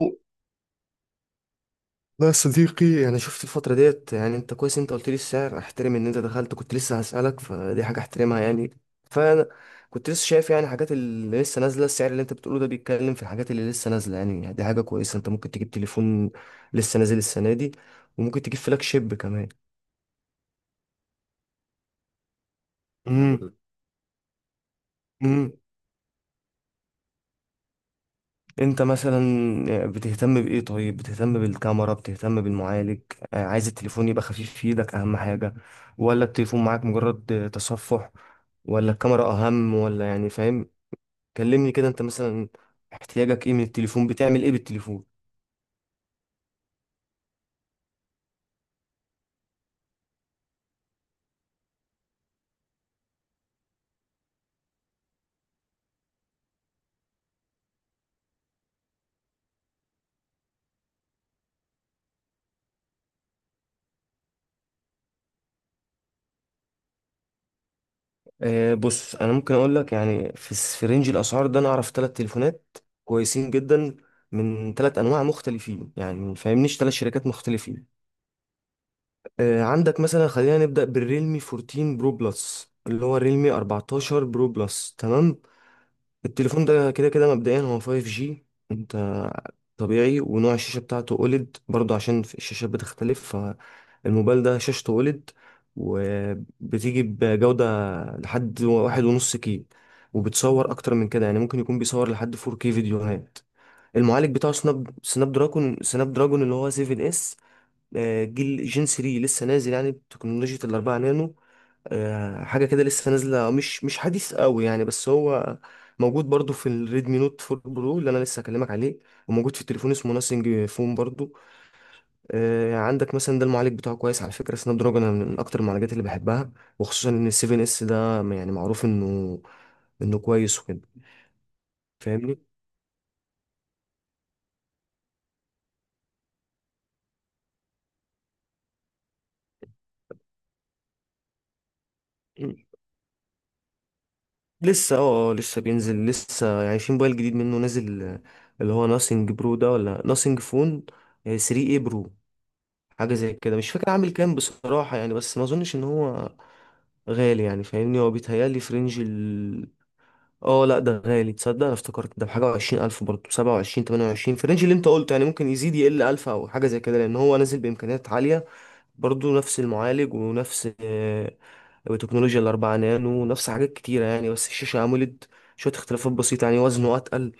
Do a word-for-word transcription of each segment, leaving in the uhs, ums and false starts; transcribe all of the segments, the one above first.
لا، يا صديقي. يعني شفت الفترة ديت، يعني انت كويس، انت قلت لي السعر، احترم ان انت دخلت كنت لسه هسألك، فدي حاجة احترمها يعني. فانا كنت لسه شايف يعني حاجات اللي لسه نازلة. السعر اللي انت بتقوله ده بيتكلم في الحاجات اللي لسه نازلة، يعني دي حاجة كويسة. انت ممكن تجيب تليفون لسه نازل السنة دي، وممكن تجيب فلاج شيب كمان. امم انت مثلا، آه، بتهتم بايه؟ طيب، بتهتم بالكاميرا، بتهتم بالمعالج؟ آه، عايز التليفون يبقى خفيف في ايدك اهم حاجة، ولا التليفون معاك مجرد آه، تصفح، ولا الكاميرا اهم، ولا يعني، فاهم؟ كلمني كده انت مثلا، احتياجك ايه من التليفون، بتعمل ايه بالتليفون؟ أه بص، انا ممكن اقول لك يعني في الس- في رينج الاسعار ده انا اعرف ثلاث تليفونات كويسين جدا، من ثلاث انواع مختلفين، يعني فاهمنيش ثلاث شركات مختلفين. آه، عندك مثلا، خلينا نبدأ بالريلمي أربعتاشر برو بلس، اللي هو الريلمي أربعتاشر برو بلس، تمام. التليفون ده كده كده مبدئيا هو فايف جي، انت طبيعي، ونوع الشاشة بتاعته او ال اي دي، برضه عشان في الشاشات بتختلف، فالموبايل ده شاشته او ال اي دي وبتيجي بجودة لحد واحد ونص كي، وبتصور أكتر من كده، يعني ممكن يكون بيصور لحد فور كي فيديوهات. المعالج بتاعه سناب سناب دراجون سناب دراجون اللي هو سبعة اس، آه، جيل جين تلاتة لسه نازل، يعني بتكنولوجيا الأربعة نانو، آه، حاجة كده لسه نازلة، آه، مش مش حديث قوي يعني، بس هو موجود برضو في الريدمي نوت أربعة برو اللي أنا لسه هكلمك عليه، وموجود في تليفون اسمه ناسينج فون برضو. آه، عندك مثلا، ده المعالج بتاعه كويس على فكرة، سناب دراجون أنا من أكتر المعالجات اللي بحبها، وخصوصا إن ال سبعة اس ده يعني معروف إنه إنه كويس وكده، فاهمني. لسه اه آه، لسه بينزل، لسه يعني في موبايل جديد منه نازل، آه، اللي هو ناسينج برو ده ولا ناسينج فون تلاتة اي برو، حاجه زي كده، مش فاكر عامل كام بصراحه يعني. بس ما اظنش ان هو غالي يعني، فاهمني، هو بيتهيألي في رينج ال، اه لا ده غالي. تصدق انا افتكرت ده بحاجه وعشرين الف، برضه سبعة وعشرين تمانية وعشرين في الرينج اللي انت قلته، يعني ممكن يزيد يقل الف او حاجه زي كده، لان هو نازل بامكانيات عاليه برضه. نفس المعالج، ونفس آه، بتكنولوجيا الأربعة نانو، نفس حاجات كتيرة يعني، بس الشاشة أموليد، شوية اختلافات بسيطة يعني، وزنه أتقل،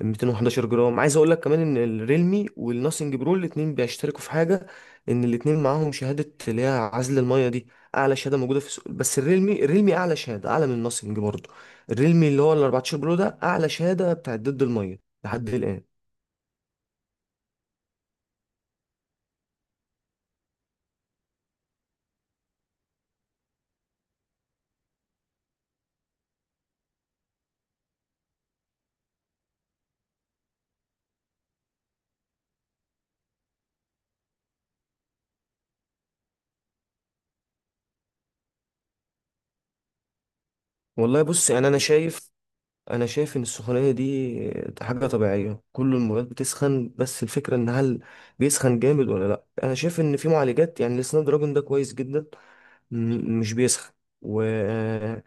مية وحداشر جرام. عايز أقول لك كمان إن الريلمي والناسينج برو الاتنين بيشتركوا في حاجة، إن الاتنين معاهم شهادة اللي هي عزل المية دي، أعلى شهادة موجودة في السوق. بس الريلمي، الريلمي أعلى شهادة، أعلى من الناسينج برضه. الريلمي اللي هو ال أربعة عشر برو ده أعلى شهادة بتاعت ضد المية لحد الآن. والله بص يعني، أنا شايف انا شايف ان السخونيه دي حاجه طبيعيه، كل المواد بتسخن، بس الفكره ان هل بيسخن جامد ولا لا. انا شايف ان في معالجات، يعني السناب دراجون ده كويس جدا، م- مش بيسخن. و آه،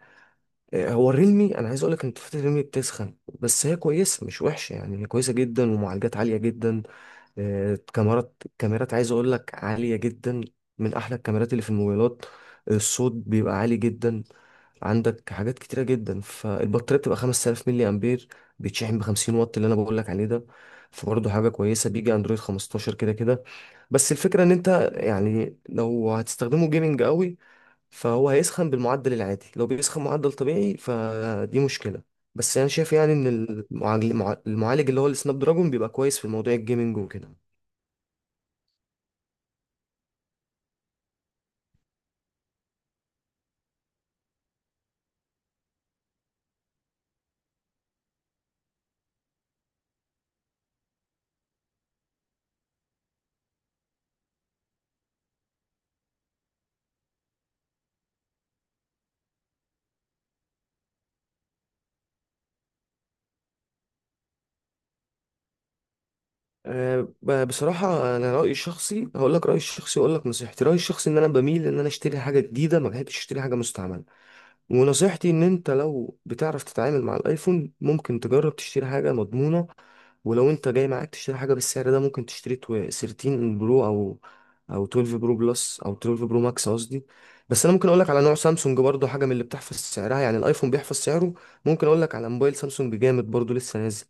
هو الريلمي، انا عايز اقول لك ان تفاحه الريلمي بتسخن، بس هي كويسه مش وحشه يعني، هي كويسه جدا، ومعالجات عاليه جدا. آه، كاميرات كاميرات عايز اقول لك عاليه جدا، من احلى الكاميرات اللي في الموبايلات، الصوت بيبقى عالي جدا، عندك حاجات كتيرة جدا. فالبطارية بتبقى خمسة آلاف ملي أمبير، بيتشحن ب خمسين واط اللي أنا بقول لك عليه ده، فبرضه حاجة كويسة، بيجي أندرويد خمستاشر كده كده. بس الفكرة إن أنت يعني لو هتستخدمه جيمنج قوي فهو هيسخن بالمعدل العادي، لو بيسخن معدل طبيعي فدي مشكلة. بس أنا شايف يعني إن المعالج المعالج اللي هو السناب دراجون بيبقى كويس في موضوع الجيمنج وكده. أه، ب- بصراحة أنا رأيي الشخصي، هقول لك رأيي الشخصي وأقول لك نصيحتي، رأيي الشخصي إن أنا بميل إن أنا أشتري حاجة جديدة، ما بحبش أشتري حاجة مستعملة. ونصيحتي ان انت لو بتعرف تتعامل مع الايفون، ممكن تجرب تشتري حاجة مضمونة. ولو انت جاي معاك تشتري حاجة بالسعر ده، ممكن تشتري تو- تلتاشر برو، او او اثنا عشر برو بلس، او اتناشر برو ماكس قصدي. بس انا ممكن اقول لك على نوع سامسونج برضو، حاجة من اللي بتحفظ سعرها يعني، الايفون بيحفظ سعره. ممكن اقول لك على موبايل سامسونج جامد برضو لسه نازل،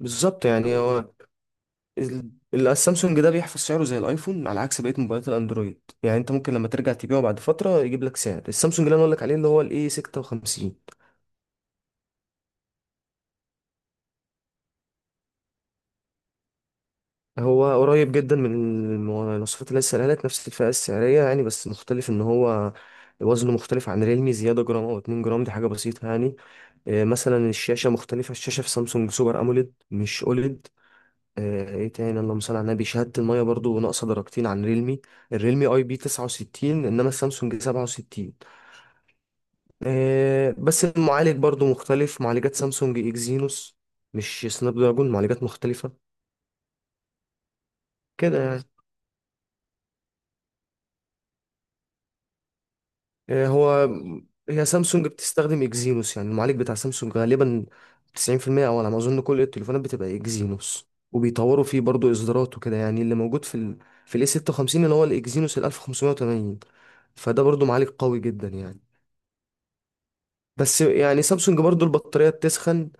بالظبط يعني. هو ال- ال- السامسونج ده بيحفظ سعره زي الايفون، على عكس بقيه موبايلات الاندرويد يعني، انت ممكن لما ترجع تبيعه بعد فتره يجيب لك سعر. السامسونج اللي انا اقول لك عليه اللي هو الاي ستة وخمسين، هو قريب جدا من المواصفات اللي لسه قالت، نفس الفئة السعرية يعني، بس مختلف ان هو وزنه مختلف عن ريلمي زيادة جرام او اتنين جرام، دي حاجة بسيطة يعني. آه، مثلا الشاشة مختلفة، الشاشة في سامسونج سوبر اموليد مش اوليد. آه، ايه تاني؟ اللهم صل على النبي. شهادة المية برضو ناقصة درجتين عن ريلمي، الريلمي اي بي تسعة وستين انما السامسونج سبعة وستين. آه، بس المعالج برضو مختلف، معالجات سامسونج اكزينوس، مش سناب دراجون، معالجات مختلفة كده يعني. آه، هو، هي سامسونج بتستخدم اكزينوس يعني، المعالج بتاع سامسونج غالبا تسعين في المية او على ما اظن كل التليفونات بتبقى اكزينوس، وبيطوروا فيه برضو اصدارات وكده يعني. اللي موجود في ال، في الاي ستة وخمسين اللي هو الاكزينوس ال ألف وخمسمية وتمانين، فده برضو معالج قوي جدا يعني. بس يعني سامسونج برضو البطارية بتسخن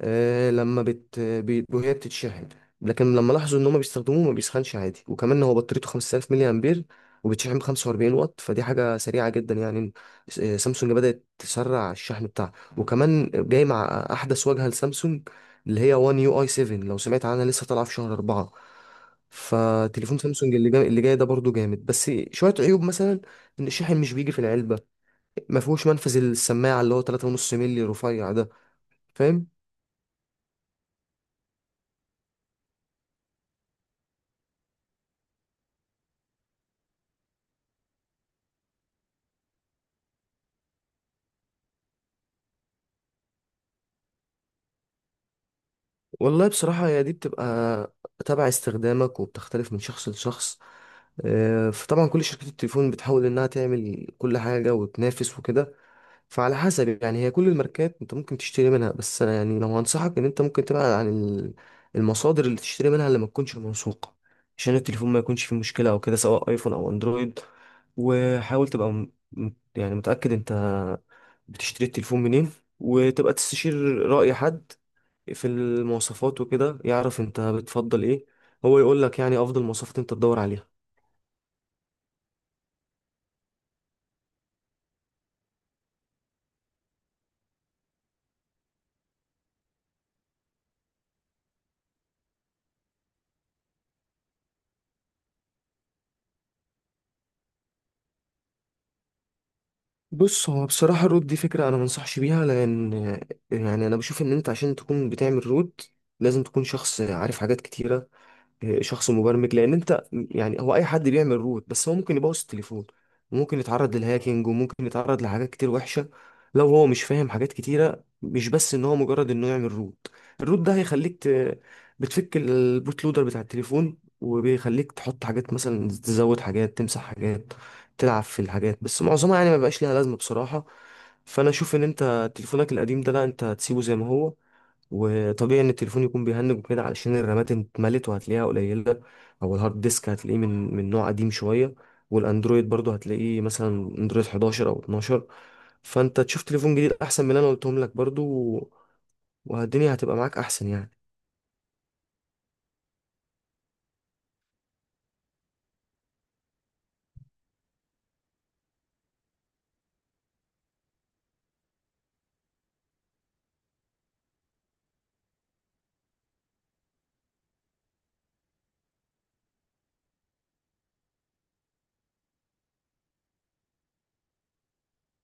آه، لما بت بي- وهي بتتشحن، لكن لما لاحظوا ان هم بيستخدموه ما بيسخنش عادي، وكمان هو بطاريته خمس آلاف ملي امبير، وبتشحن ب خمسة وأربعين واط، فدي حاجة سريعة جدا يعني. س- آه، سامسونج بدأت تسرع الشحن بتاعها، وكمان جاي مع احدث واجهة لسامسونج اللي هي وان يو اي سبعة، لو سمعت عنها، لسه طالعة في شهر أربعة. فتليفون سامسونج اللي جاي، اللي جاي ده برضو جامد، بس شوية عيوب مثلا ان الشاحن مش بيجي في العلبة، ما فيهوش منفذ السماعه اللي هو ثلاث فاصلة خمسة مللي رفيع ده، فاهم؟ والله بصراحه هي دي بتبقى تبع استخدامك، وبتختلف من شخص لشخص. آه، فطبعا كل شركات التليفون بتحاول انها تعمل كل حاجه وتنافس وكده، فعلى حسب يعني هي كل الماركات انت ممكن تشتري منها. بس انا يعني لو هنصحك ان انت ممكن تبعد عن ال- المصادر اللي تشتري منها اللي ما تكونش موثوقة، عشان التليفون ما يكونش فيه مشكلة او كده، سواء ايفون او اندرويد. وحاول تبقى م- م- يعني متأكد انت بتشتري التليفون منين، وتبقى تستشير رأي حد في المواصفات وكده، يعرف انت بتفضل ايه، هو يقول لك يعني افضل مواصفات انت تدور عليها. بص، هو بصراحة الرود دي فكرة أنا منصحش بيها، لأن يعني أنا بشوف إن أنت عشان تكون بتعمل رود لازم تكون شخص عارف حاجات كتيرة، آه، شخص مبرمج. لان انت يعني، هو اي حد بيعمل روت، بس هو ممكن يبوظ التليفون، وممكن يتعرض للهاكينج، وممكن يتعرض لحاجات كتير وحشة لو هو مش فاهم حاجات كتيرة، مش بس ان هو مجرد انه يعمل روت. الروت ده هيخليك ت... بتفك البوت لودر بتاع التليفون، وبيخليك تحط حاجات، مثلا تزود حاجات، تمسح حاجات، تلعب في الحاجات، بس معظمها يعني ما بقاش ليها لازمة بصراحة. فانا اشوف ان انت تليفونك القديم ده، لا، انت هتسيبه زي ما هو، وطبيعي ان التليفون يكون بيهنج وكده علشان الرامات اتملت وهتلاقيها قليله، او الهارد ديسك هتلاقيه من من نوع قديم شويه، والاندرويد برضو هتلاقيه مثلا اندرويد إحداشر او اتناشر. فانت تشوف تليفون جديد احسن من اللي انا قلتهم لك برضو، والدنيا هتبقى معاك احسن يعني.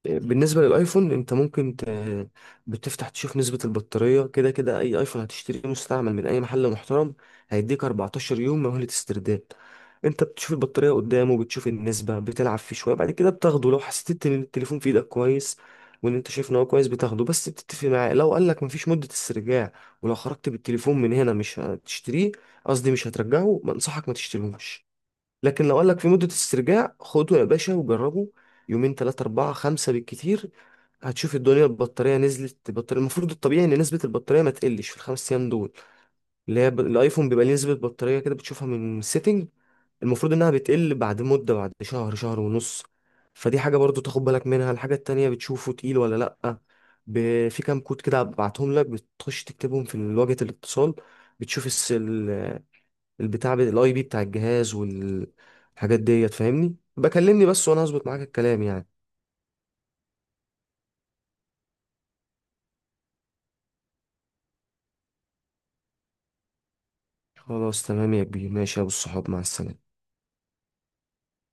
بالنسبة للايفون انت ممكن ت... بتفتح تشوف نسبة البطارية، كده كده اي ايفون هتشتريه مستعمل من اي محل محترم هيديك أربعتاشر يوم مهلة استرداد. انت بتشوف البطارية قدامه، بتشوف النسبة، بتلعب فيه شوية، بعد كده بتاخده لو حسيت ان التليفون في ايدك كويس، وان انت شايف ان هو كويس بتاخده. بس بتتفق معاه لو قالك مفيش مدة استرجاع، ولو خرجت بالتليفون من هنا مش هتشتريه، قصدي مش هترجعه، بنصحك ما تشتريهوش. لكن لو قال لك في مدة استرجاع، خده يا باشا وجربه يومين تلاتة أربعة خمسة بالكتير، هتشوف الدنيا البطارية نزلت. البطارية المفروض الطبيعي إن نسبة البطارية ما تقلش في الخمس أيام دول، اللي هي ب... الأيفون بيبقى ليه نسبة بطارية كده بتشوفها من سيتنج. المفروض إنها بتقل بعد مدة، بعد شهر شهر ونص، فدي حاجة برضو تاخد بالك منها. الحاجة التانية، بتشوفه تقيل ولا لأ، ب... في كام كود كده بعتهم لك، بتخش تكتبهم في واجهة الاتصال، بتشوف الس... البتاع الاي بي بتاع الجهاز والحاجات ديت، فاهمني؟ بكلمني بس، وانا هظبط معاك الكلام يعني. خلاص، تمام يا كبير، ماشي يا ابو الصحاب، مع السلامة.